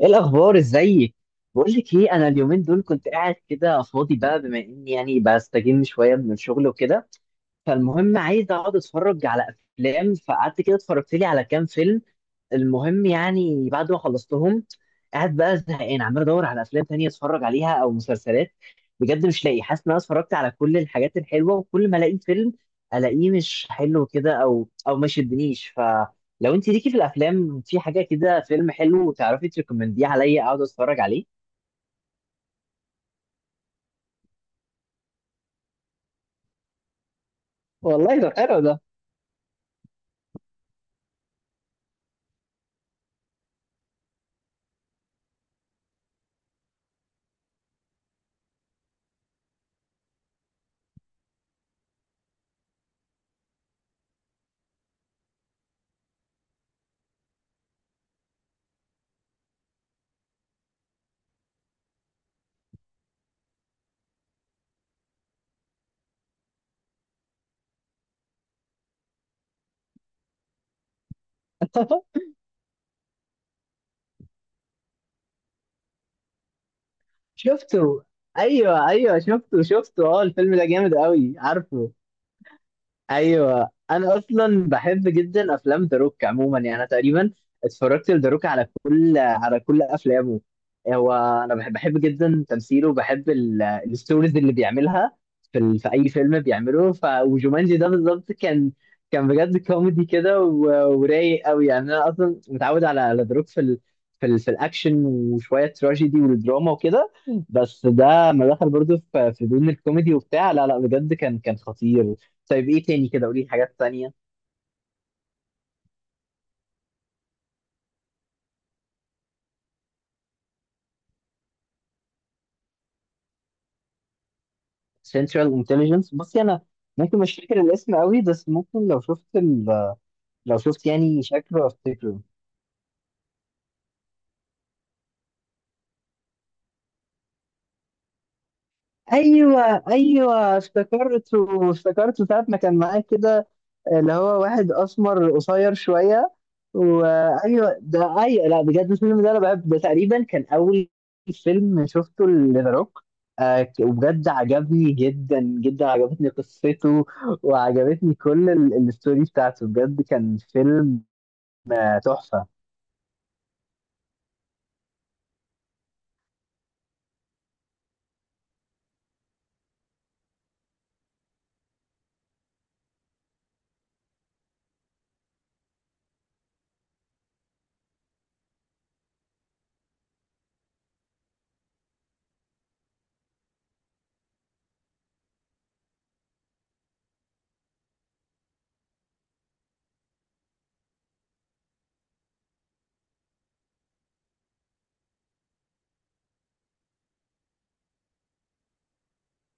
ايه الاخبار؟ ازيك؟ بقول لك ايه، انا اليومين دول كنت قاعد كده فاضي بقى، بما اني يعني بستجم شويه من الشغل وكده. فالمهم عايز اقعد اتفرج على افلام. فقعدت كده اتفرجت لي على كام فيلم. المهم يعني بعد ما خلصتهم قاعد بقى زهقان، عمال ادور على افلام تانية اتفرج عليها او مسلسلات. بجد مش لاقي، حاسس ان انا اتفرجت على كل الحاجات الحلوه، وكل ما الاقي فيلم الاقيه مش حلو كده، او ما شدنيش. فلو انت ليكي في الافلام في حاجه كده فيلم حلو، تعرفي تريكومنديه عليا اقعد اتفرج عليه. والله ده حلو ده. شفته؟ ايوه ايوه شفته شفته. اه، الفيلم ده جامد قوي عارفه. ايوه، انا اصلا بحب جدا افلام ذا روك عموما. يعني انا تقريبا اتفرجت لذا روك على كل افلامه. هو انا بحب جدا تمثيله، بحب الستوريز اللي بيعملها في اي فيلم بيعمله. وجومانجي ده بالظبط كان بجد كوميدي كده، و... ورايق قوي. يعني انا اصلا متعود على ذا روك في الاكشن، وشويه تراجيدي والدراما وكده. بس ده ما دخل برضه في دون الكوميدي وبتاع، لا لا بجد كان خطير. طيب ايه تاني كده، قولي لي حاجات تانية. Central Intelligence، بصي انا ممكن مش فاكر الاسم قوي، بس ممكن لو شفت يعني شكله افتكره. ايوه ايوه افتكرته افتكرته ساعة ما كان معاك كده، اللي هو واحد اسمر قصير شويه. وايوه ده اي، لا بجد الفيلم ده انا بحب، ده تقريبا كان اول فيلم شفته لذا روك. وبجد عجبني جدا جدا، عجبتني قصته وعجبتني كل الستوري بتاعته. بجد كان فيلم تحفه.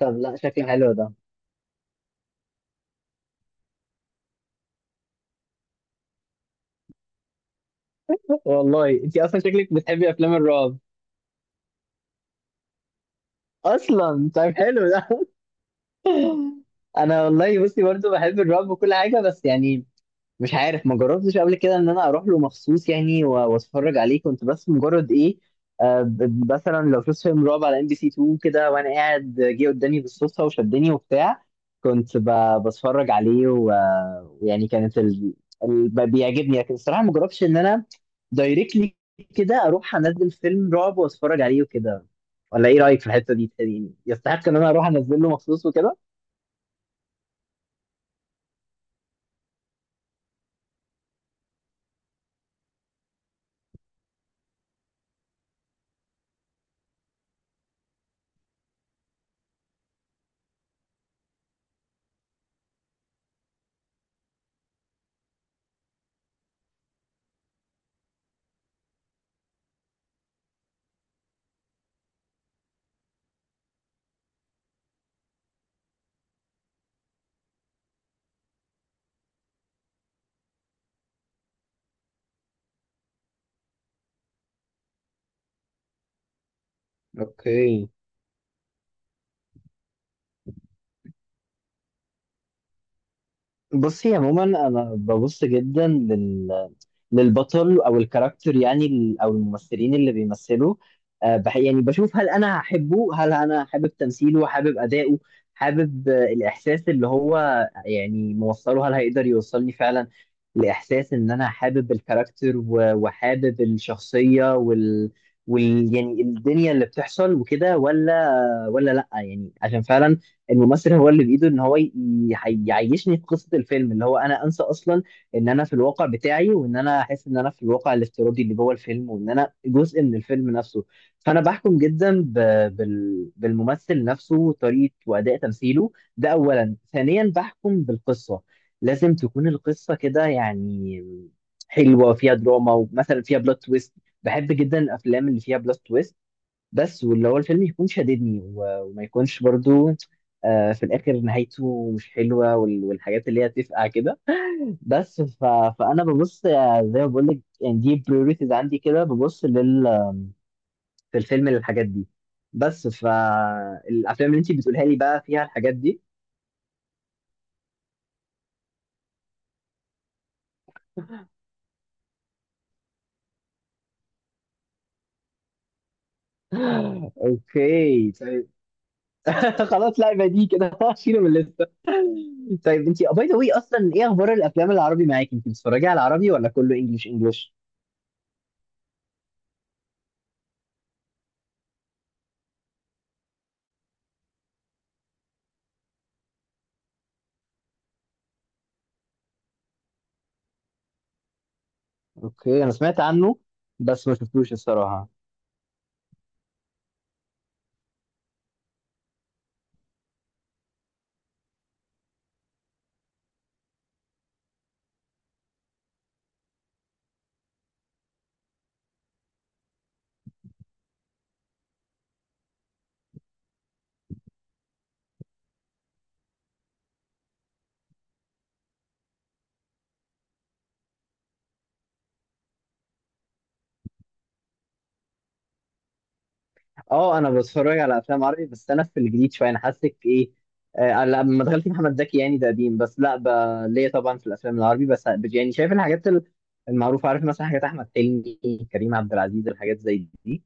طب لا شكله حلو ده. والله انت اصلا شكلك بتحبي افلام الرعب. اصلا طيب حلو ده. انا والله بصي برضو بحب الرعب وكل حاجه، بس يعني مش عارف ما جربتش قبل كده ان انا اروح له مخصوص يعني واتفرج عليه، كنت بس مجرد ايه. مثلا لو شفت فيلم رعب على MBC 2 كده وانا قاعد جه قدامي بالصدفه وشدني وبتاع. كنت بتفرج عليه ويعني كانت بيعجبني، لكن الصراحه ما جربتش ان انا دايركتلي كده اروح انزل فيلم رعب واتفرج عليه وكده. ولا ايه رايك في الحته دي؟ يعني يستحق ان انا اروح انزل له مخصوص وكده؟ اوكي. بصي عموما انا ببص جدا لل للبطل او الكاركتر، يعني او الممثلين اللي بيمثلوا. يعني بشوف هل انا هحبه، هل انا حابب تمثيله، حابب اداؤه، حابب الاحساس اللي هو يعني موصله. هل هيقدر يوصلني فعلا لاحساس ان انا حابب الكاركتر وحابب الشخصية وال وال يعني الدنيا اللي بتحصل وكده، ولا لا يعني. عشان فعلا الممثل هو اللي بايده ان هو يعيشني في قصه الفيلم، اللي هو انا انسى اصلا ان انا في الواقع بتاعي وان انا احس ان انا في الواقع الافتراضي اللي جوه الفيلم، وان انا جزء من الفيلم نفسه. فانا بحكم جدا بالممثل نفسه، طريقه واداء تمثيله، ده اولا. ثانيا بحكم بالقصه، لازم تكون القصه كده يعني حلوه فيها دراما، ومثلا فيها بلوت تويست. بحب جدا الافلام اللي فيها بلوت تويست. بس واللي هو الفيلم يكون شاددني وما يكونش برضو في الاخر نهايته مش حلوه والحاجات اللي هي تفقع كده. بس ف... فانا ببص زي ما بقول لك، يعني دي بريوريتيز عندي كده، ببص في الفيلم للحاجات دي. بس فالافلام اللي انت بتقولها لي بقى فيها الحاجات دي؟ اوكي طيب. خلاص، لا يبقى دي كده، شيله من الليسته. طيب انت باي ذا واي اصلا ايه اخبار الافلام العربي معاكي؟ انت بتتفرجي على العربي ولا كله انجلش انجلش؟ اوكي انا سمعت عنه، بس ما شفتوش الصراحه. اه، انا بتفرج على افلام عربي، بس انا في الجديد شويه انا حاسك ايه. لما دخلت محمد زكي يعني ده قديم، بس لا ليا طبعا في الافلام العربي، بس يعني شايف الحاجات المعروفه، عارف مثلا حاجات احمد حلمي، كريم عبد العزيز، الحاجات زي دي.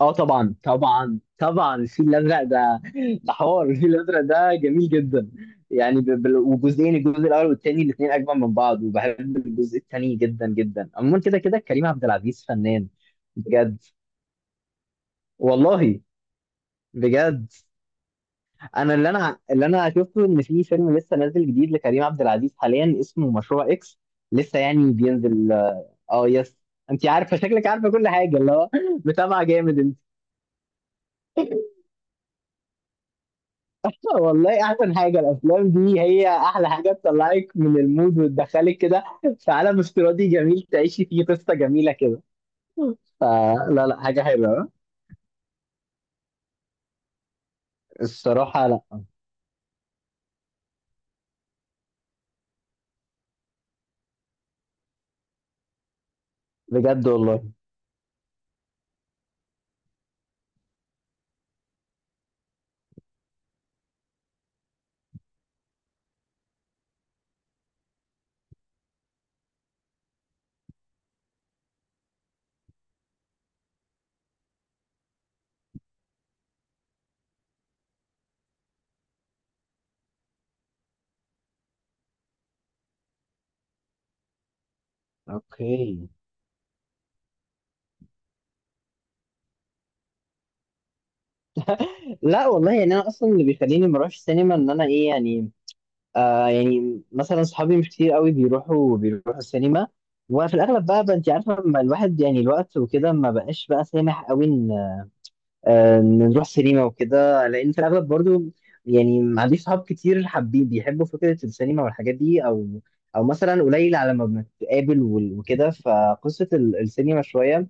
اه طبعا طبعا طبعا الفيل الازرق ده. ده حوار الفيل الازرق ده جميل جدا، يعني وجزئين، الجزء الاول والثاني الاثنين اجمل من بعض، وبحب الجزء الثاني جدا جدا. عموما كده كريم عبد العزيز فنان. بجد؟ والله. بجد. انا اللي انا اللي انا شفته ان في فيلم لسه نازل جديد لكريم عبد العزيز حاليا، اسمه مشروع اكس. لسه يعني بينزل. اه يس. انت عارفه شكلك عارفه كل حاجه، اللي هو متابعه جامد انت. والله احسن حاجه، الافلام دي هي احلى حاجه تطلعك من المود وتدخلك كده في عالم افتراضي جميل تعيشي فيه قصه جميله كده. فلا لا حاجه حلوه. الصراحه لا. بجد والله. اوكي. لا والله يعني انا اصلا اللي بيخليني ما اروحش السينما ان انا ايه يعني. يعني مثلا صحابي مش كتير قوي بيروحوا السينما، وفي الاغلب بقى، انت عارفه لما الواحد يعني الوقت وكده ما بقاش بقى سامح قوي نروح سينما وكده، لان في الاغلب برضو يعني ما عنديش صحاب كتير حابين بيحبوا فكره السينما والحاجات دي، او مثلا قليل على ما بنتقابل وكده. فقصه السينما شويه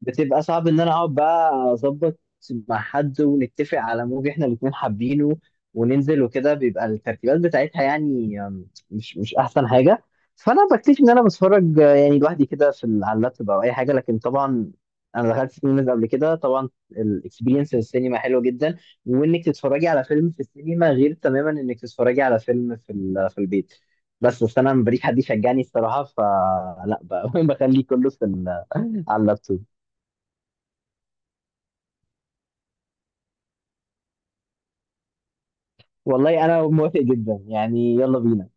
بتبقى صعب ان انا اقعد بقى اظبط مع حد ونتفق على موفي احنا الاتنين حابينه وننزل وكده، بيبقى الترتيبات بتاعتها يعني مش احسن حاجه. فانا بكتشف ان انا بتفرج يعني لوحدي كده على اللابتوب او اي حاجه، لكن طبعا انا دخلت سينما قبل كده طبعا، الاكسبيرينس السينما حلوه جدا. وانك تتفرجي على فيلم في السينما غير تماما انك تتفرجي على فيلم في البيت. بس انا مبريش حد يشجعني الصراحه، فلا بخليه كله على اللابتوب. والله انا موافق جدا يعني، يلا بينا.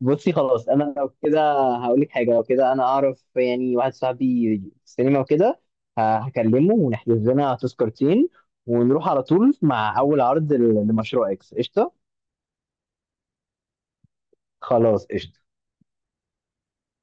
بصي خلاص، انا لو كده هقول لك حاجه، لو كده انا اعرف يعني واحد صاحبي في السينما وكده، هكلمه ونحجز لنا تذكرتين ونروح على طول مع اول عرض لمشروع اكس قشطه. خلاص قشطه.